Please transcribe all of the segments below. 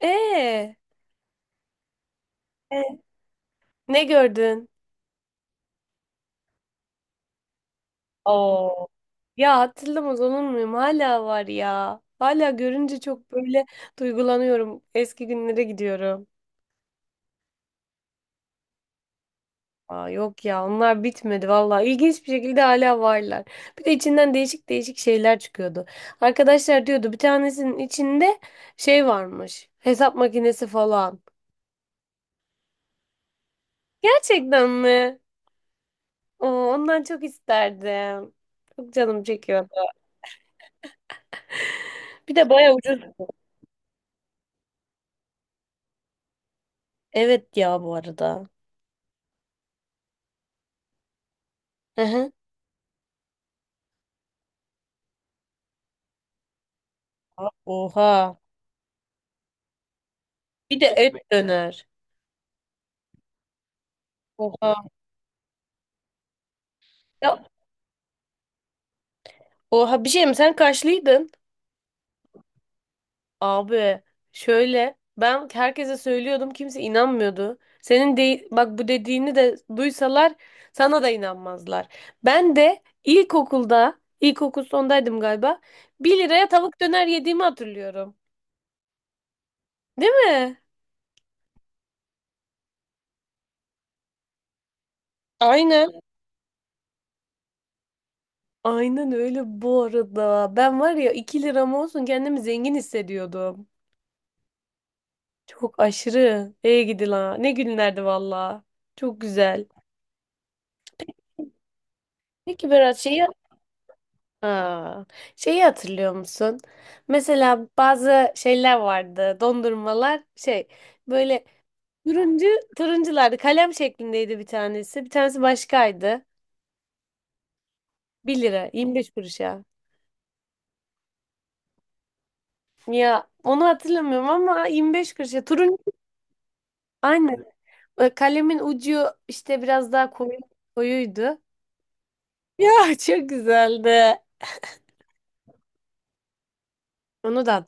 Ee, e, Ne gördün? Oo. Ya hatırlamaz olur muyum? Hala var ya. Hala görünce çok böyle duygulanıyorum. Eski günlere gidiyorum. Aa, yok ya onlar bitmedi vallahi. İlginç bir şekilde hala varlar. Bir de içinden değişik değişik şeyler çıkıyordu. Arkadaşlar diyordu bir tanesinin içinde şey varmış. Hesap makinesi falan. Gerçekten mi? Oo, ondan çok isterdim. Çok canım çekiyordu. Bir de bayağı ucuz. Evet ya bu arada. Hı hı. Oha. Bir de et döner. Oha. Ya, oha bir şey mi? Sen kaçlıydın? Abi şöyle ben herkese söylüyordum kimse inanmıyordu. Senin de bak bu dediğini de duysalar sana da inanmazlar. Ben de ilkokulda ilkokul sondaydım galiba. Bir liraya tavuk döner yediğimi hatırlıyorum. Değil mi? Aynen. Aynen öyle bu arada. Ben var ya 2 liram olsun kendimi zengin hissediyordum. Çok aşırı. Ey gidi la. Ne günlerdi valla. Çok güzel. Peki Berat şeyi. Aa, şeyi hatırlıyor musun? Mesela bazı şeyler vardı. Dondurmalar şey böyle turuncu turunculardı. Kalem şeklindeydi bir tanesi. Bir tanesi başkaydı. Bir lira 25 kuruşa. Ya onu hatırlamıyorum ama 25 kuruşa. Turuncu aynen. Kalemin ucu işte biraz daha koyu koyuydu. Ya çok güzeldi. Onu da.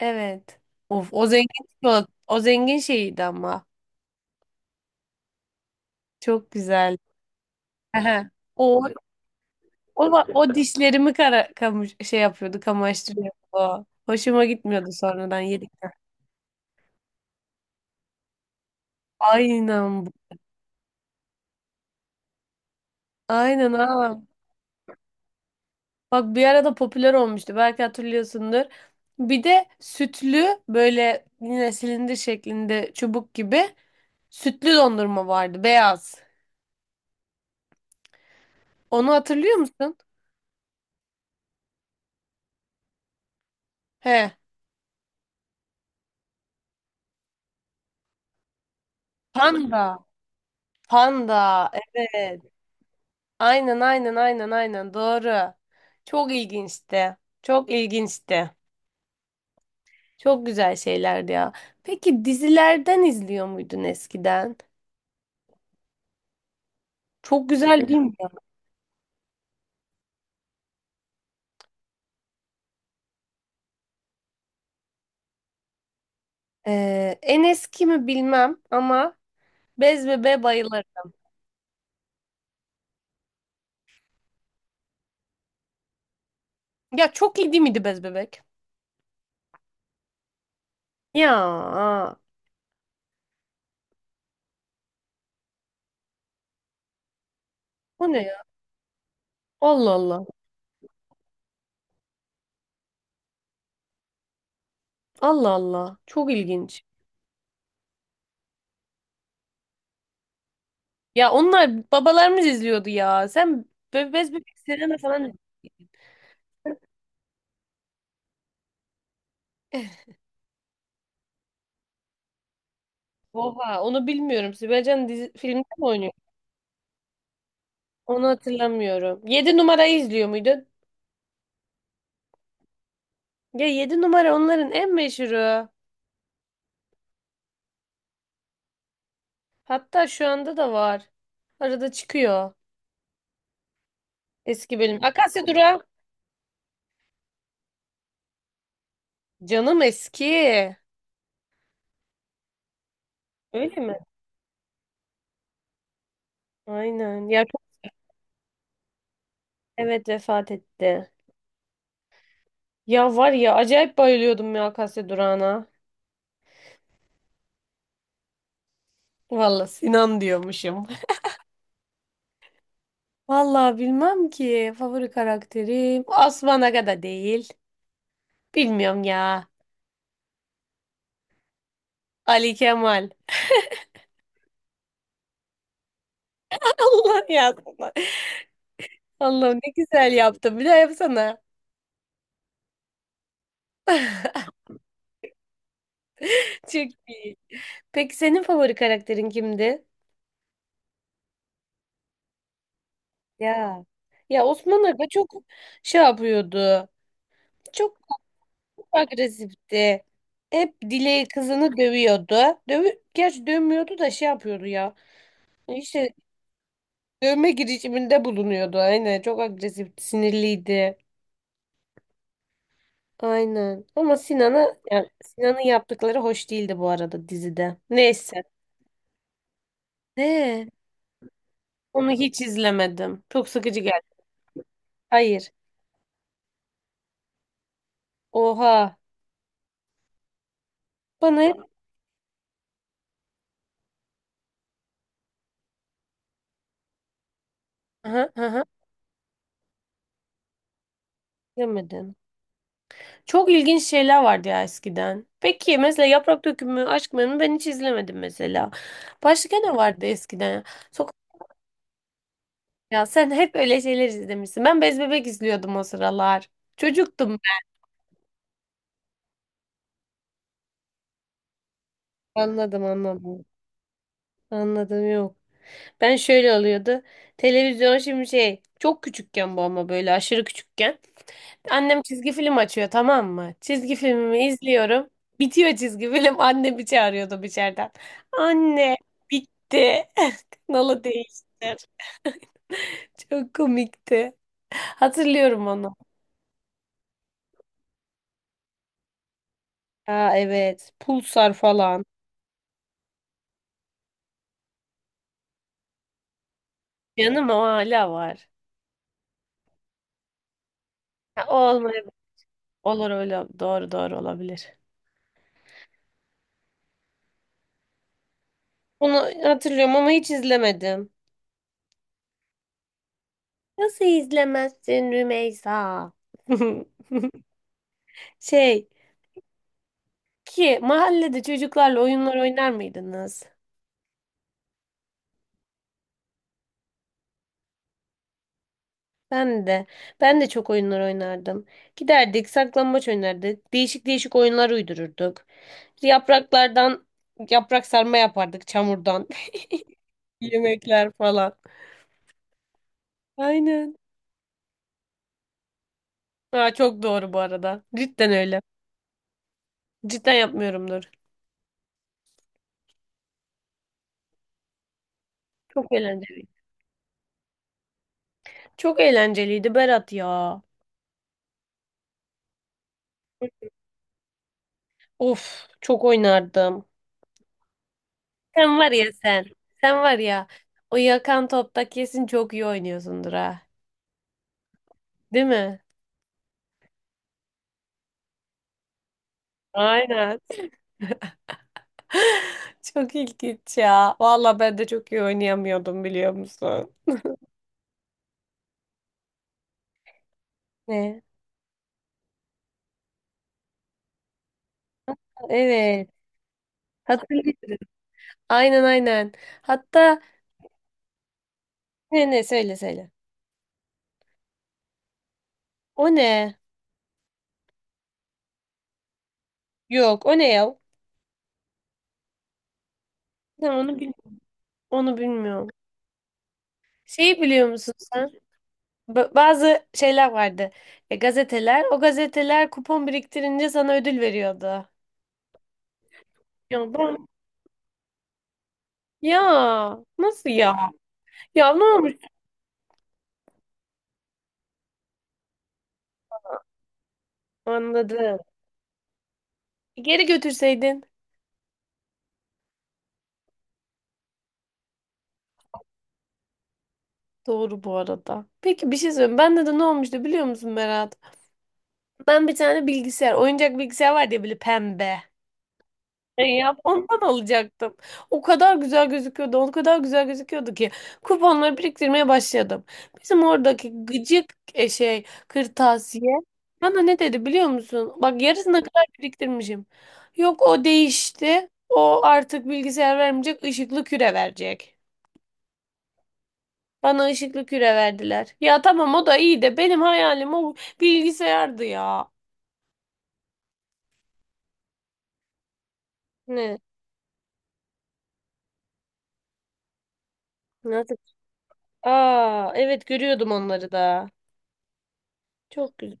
Evet. Of o zengin şeyiydi ama. Çok güzel. Aha. O O dişlerimi kara kamış şey yapıyordu, kamaştırıyordu. Hoşuma gitmiyordu sonradan yedikten. Aynen. Aynen ha. Bak bir arada popüler olmuştu. Belki hatırlıyorsundur. Bir de sütlü böyle yine silindir şeklinde çubuk gibi sütlü dondurma vardı beyaz. Onu hatırlıyor musun? He. Panda. Panda. Evet. Aynen aynen aynen aynen doğru. Çok ilginçti. Çok ilginçti. Çok güzel şeylerdi ya. Peki dizilerden izliyor muydun eskiden? Çok güzel değil mi? En eski mi bilmem ama Bez Bebek'e bayılırım. Ya çok iyi değil miydi Bez Bebek? Ya bu ne ya? Allah Allah. Allah Allah. Çok ilginç. Ya onlar babalarımız izliyordu ya. Sen Bez Bebek Serena falan. Oha onu bilmiyorum. Sibel Can dizi, filmde mi oynuyor? Onu hatırlamıyorum. 7 numarayı izliyor muydun? Ya 7 numara onların en meşhuru. Hatta şu anda da var. Arada çıkıyor. Eski bölüm. Akasya Durağı. Canım eski. Öyle mi? Aynen. Evet, vefat etti. Ya var ya acayip bayılıyordum ya Akasya Durağı'na. Valla Sinan diyormuşum. Valla bilmem ki. Favori karakterim. Osman Aga da değil. Bilmiyorum ya. Ali Kemal. Allah ya. Allah'ım ne güzel yaptın. Bir daha yapsana. Çok iyi. Peki senin favori karakterin kimdi? Ya. Ya Osman Aga çok şey yapıyordu. Çok agresifti. Hep Dilek'i kızını dövüyordu. Gerçi dövmüyordu da şey yapıyordu ya. İşte dövme girişiminde bulunuyordu. Aynen çok agresifti, sinirliydi. Aynen. Ama Sinan'a yani Sinan'ın yaptıkları hoş değildi bu arada dizide. Neyse. Ne? Onu hiç izlemedim. Çok sıkıcı geldi. Hayır. Oha. Bana hep. Hı hı hı. Çok ilginç şeyler vardı ya eskiden. Peki mesela Yaprak Dökümü, Aşk Memnu ben hiç izlemedim mesela. Başka ne vardı eskiden? Sokak Ya sen hep öyle şeyler izlemişsin. Ben Bez Bebek izliyordum o sıralar. Çocuktum ben. Anladım anladım. Anladım yok. Ben şöyle oluyordu. Televizyon şimdi şey çok küçükken bu ama böyle aşırı küçükken. Annem çizgi film açıyor tamam mı? Çizgi filmimi izliyorum. Bitiyor çizgi film. Anne bir çağırıyordu içeriden. Anne bitti. Kanalı değiştir. Çok komikti. Hatırlıyorum onu. Aa evet. Pulsar falan. Yanım o hala var. Ha, o olmayabilir. Olur öyle. Doğru doğru olabilir. Bunu hatırlıyorum ama hiç izlemedim. Nasıl izlemezsin Rümeysa? Şey, Ki mahallede çocuklarla oyunlar oynar mıydınız? Ben de. Ben de çok oyunlar oynardım. Giderdik, saklambaç oynardık. Değişik değişik oyunlar uydururduk. Yapraklardan yaprak sarma yapardık çamurdan. Yemekler falan. Aynen. Aa, çok doğru bu arada. Cidden öyle. Cidden yapmıyorumdur. Çok eğlenceliydi. Çok eğlenceliydi Berat ya. Of, çok oynardım. Sen var ya sen. Sen var ya. O yakan topta kesin çok iyi oynuyorsundur ha. Değil mi? Aynen. Çok ilginç ya. Valla ben de çok iyi oynayamıyordum biliyor musun? Ne? Evet. Hatırlıyorum. Aynen aynen. Hatta ne ne söyle söyle. O ne? Yok o ne ya? Ben onu bilmiyorum. Şeyi biliyor musun sen? Bazı şeyler vardı. Gazeteler. O gazeteler kupon biriktirince sana ödül veriyordu. Ya ben... Ya nasıl ya? Ya ne olmuş? Anladım. Geri götürseydin. Doğru bu arada. Peki bir şey söyleyeyim. Bende de ne olmuştu biliyor musun Berat? Ben bir tane bilgisayar, oyuncak bilgisayar var diye böyle pembe. Ya ondan alacaktım. O kadar güzel gözüküyordu, o kadar güzel gözüküyordu ki kuponları biriktirmeye başladım. Bizim oradaki gıcık şey kırtasiye bana ne dedi biliyor musun? Bak yarısına kadar biriktirmişim. Yok o değişti. O artık bilgisayar vermeyecek, ışıklı küre verecek. Bana ışıklı küre verdiler. Ya tamam o da iyi de benim hayalim o bilgisayardı ya. Ne? Nasıl? Aa evet görüyordum onları da. Çok güzel.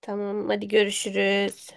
Tamam hadi görüşürüz.